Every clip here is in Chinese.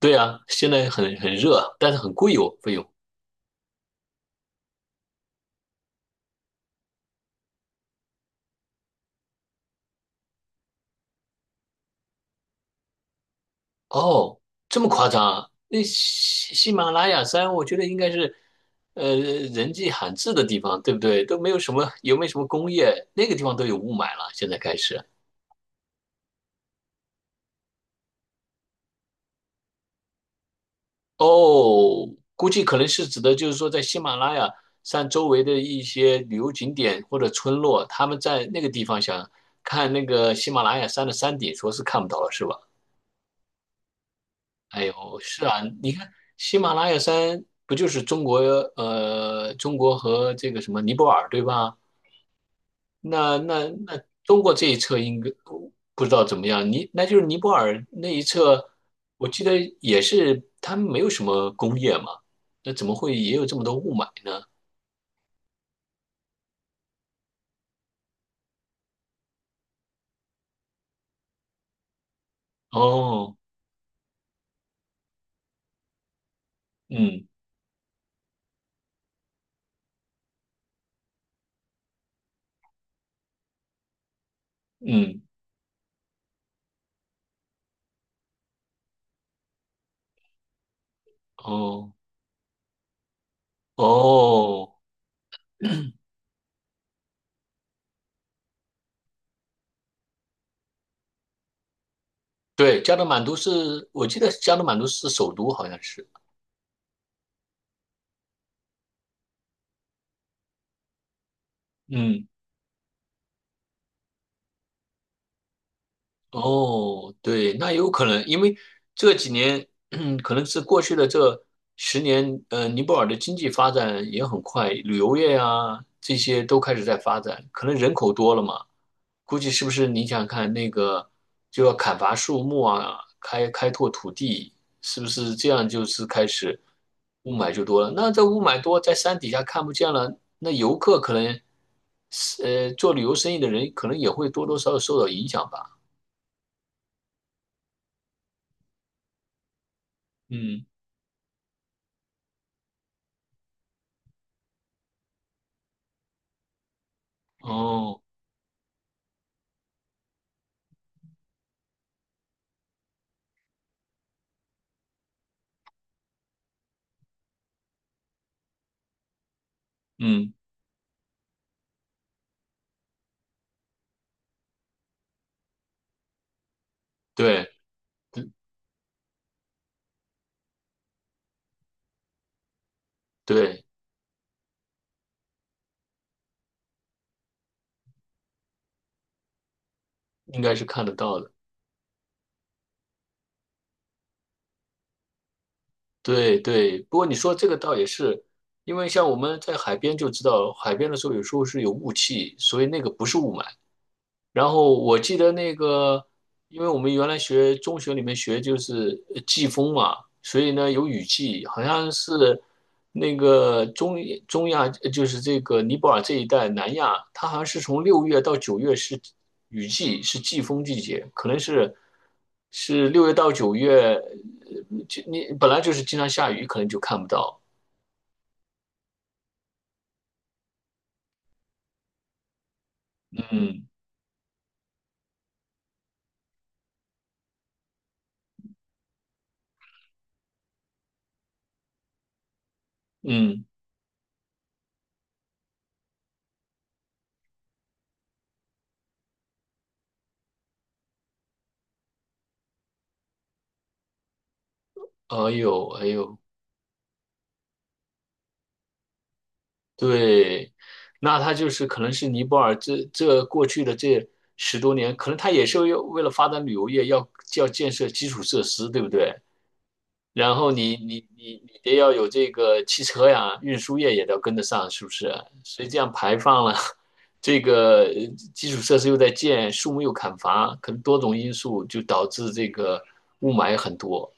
对啊，现在很热啊，但是很贵哦，费用。哦，这么夸张啊？那喜马拉雅山，我觉得应该是，人迹罕至的地方，对不对？都没有什么，有没有什么工业？那个地方都有雾霾了，现在开始。哦，估计可能是指的就是说，在喜马拉雅山周围的一些旅游景点或者村落，他们在那个地方想看那个喜马拉雅山的山顶，说是看不到了，是吧？哎呦，是啊，你看喜马拉雅山不就是中国中国和这个什么尼泊尔对吧？那中国这一侧应该不知道怎么样，那就是尼泊尔那一侧，我记得也是他们没有什么工业嘛，那怎么会也有这么多雾霾呢？哦，嗯嗯，哦哦，对，加德满都是，我记得加德满都是首都，好像是，嗯。哦，对，那有可能，因为这几年，可能是过去的这10年，尼泊尔的经济发展也很快，旅游业啊，这些都开始在发展，可能人口多了嘛，估计是不是你想看那个就要砍伐树木啊，开拓土地，是不是这样就是开始雾霾就多了？那这雾霾多，在山底下看不见了，那游客可能，做旅游生意的人可能也会多多少少受到影响吧，嗯。哦，嗯，对对，应该是看得到的。对对，不过你说这个倒也是，因为像我们在海边就知道，海边的时候有时候是有雾气，所以那个不是雾霾，然后我记得那个，因为我们原来学中学里面学就是季风嘛，所以呢有雨季，好像是那个中亚，就是这个尼泊尔这一带南亚，它好像是从六月到九月是雨季，是季风季节，可能是是六月到九月，就你本来就是经常下雨，可能就看不到。嗯嗯，哎呦哎呦，对，那他就是可能是尼泊尔这过去的这10多年，可能他也是要为了发展旅游业要，要建设基础设施，对不对？然后你得要有这个汽车呀，运输业也得要跟得上，是不是？所以这样排放了，这个基础设施又在建，树木又砍伐，可能多种因素就导致这个雾霾很多。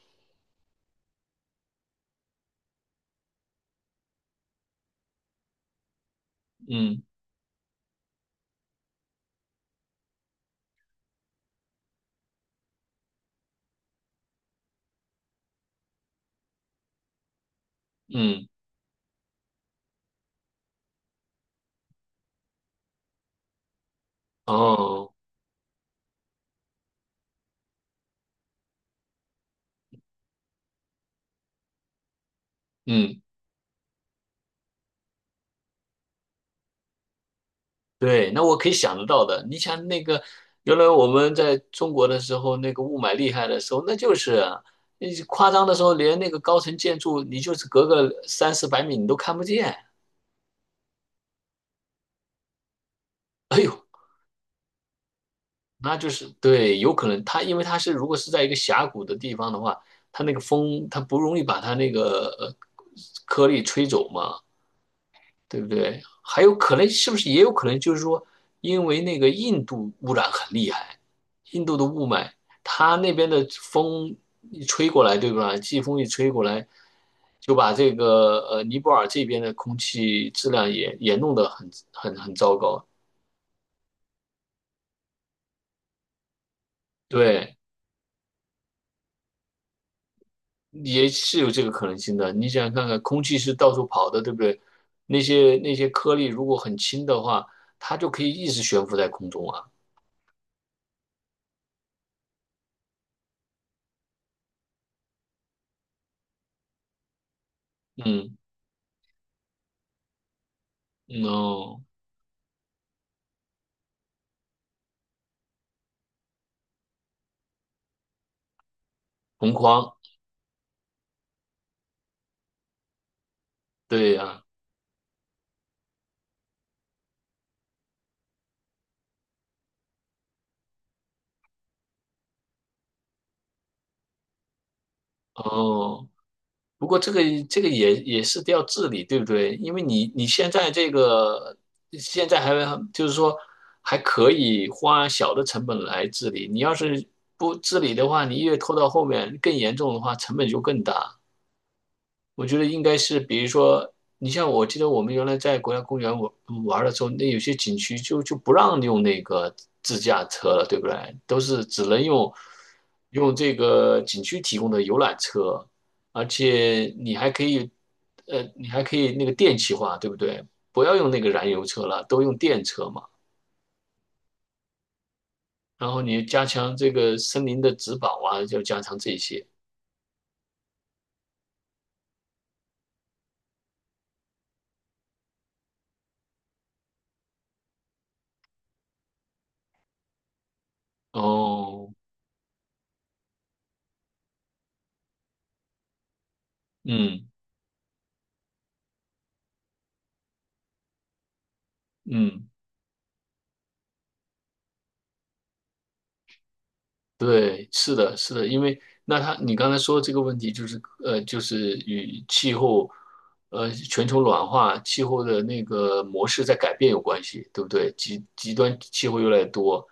嗯嗯，哦，嗯。对，那我可以想得到的。你想那个，原来我们在中国的时候，那个雾霾厉害的时候，那就是啊那是夸张的时候，连那个高层建筑，你就是隔个三四百米你都看不见。哎呦，那就是对，有可能它因为它是如果是在一个峡谷的地方的话，它那个风它不容易把它那个颗粒吹走嘛。对不对？还有可能是不是也有可能就是说，因为那个印度污染很厉害，印度的雾霾，它那边的风一吹过来，对吧？季风一吹过来，就把这个尼泊尔这边的空气质量也弄得很糟糕。对，也是有这个可能性的。你想看看，空气是到处跑的，对不对？那些那些颗粒如果很轻的话，它就可以一直悬浮在空中啊。嗯，嗯哦，红框。对呀，哦，不过这个也是得要治理，对不对？因为你现在这个现在还就是说还可以花小的成本来治理，你要是不治理的话，你越拖到后面更严重的话，成本就更大。我觉得应该是，比如说，你像我记得我们原来在国家公园玩玩的时候，那有些景区就不让用那个自驾车了，对不对？都是只能用这个景区提供的游览车，而且你还可以，你还可以那个电气化，对不对？不要用那个燃油车了，都用电车嘛。然后你加强这个森林的植保啊，就加强这些。哦，嗯嗯。对，是的，是的，因为那他你刚才说这个问题就是就是与气候，全球暖化、气候的那个模式在改变有关系，对不对？极端气候越来越多，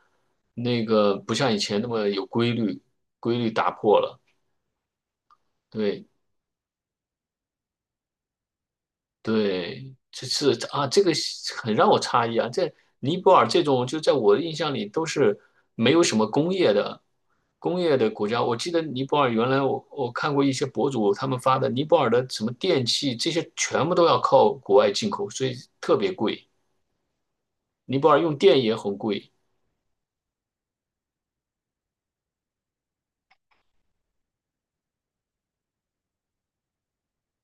那个不像以前那么有规律，规律打破了。对，对，这是啊，这个很让我诧异啊，在尼泊尔这种就在我的印象里都是没有什么工业的国家。我记得尼泊尔原来我看过一些博主他们发的尼泊尔的什么电器这些全部都要靠国外进口，所以特别贵。尼泊尔用电也很贵。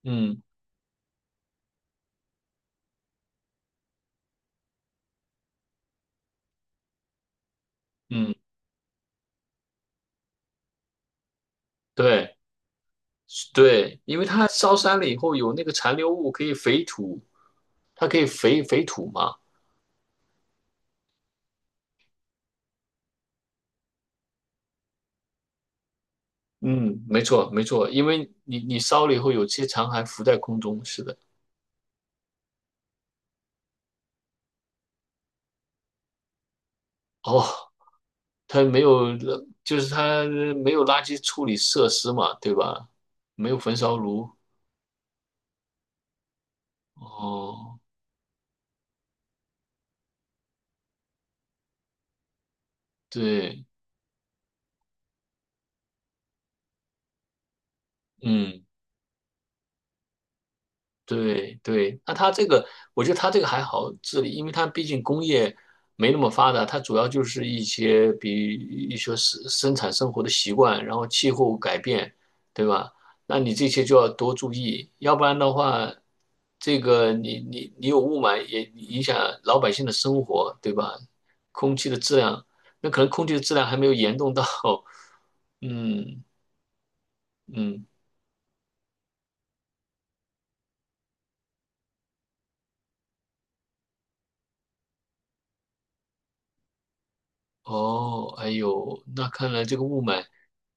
嗯嗯，对对，因为它烧山了以后有那个残留物可以肥土，它可以肥土嘛。嗯，没错，没错，因为你烧了以后，有些残骸浮在空中，是的。哦，它没有，就是它没有垃圾处理设施嘛，对吧？没有焚烧炉。哦，对，嗯。对对，那它这个，我觉得它这个还好治理，因为它毕竟工业没那么发达，它主要就是一些比一些生产生活的习惯，然后气候改变，对吧？那你这些就要多注意，要不然的话，这个你有雾霾也影响老百姓的生活，对吧？空气的质量，那可能空气的质量还没有严重到，嗯嗯。哦，哎呦，那看来这个雾霾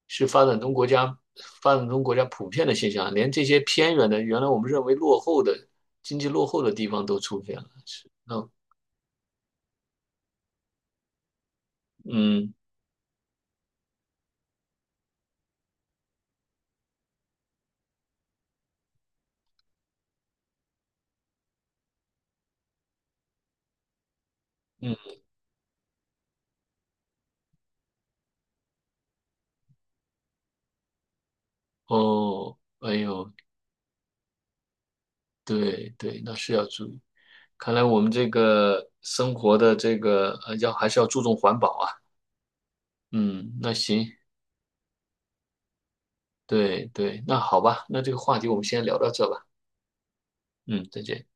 是发展中国家普遍的现象啊，连这些偏远的，原来我们认为落后的经济落后的地方都出现了。是，那嗯嗯，哦，哎呦，对对，那是要注意。看来我们这个生活的这个要还是要注重环保啊。嗯，那行，对对，那好吧，那这个话题我们先聊到这吧。嗯，再见。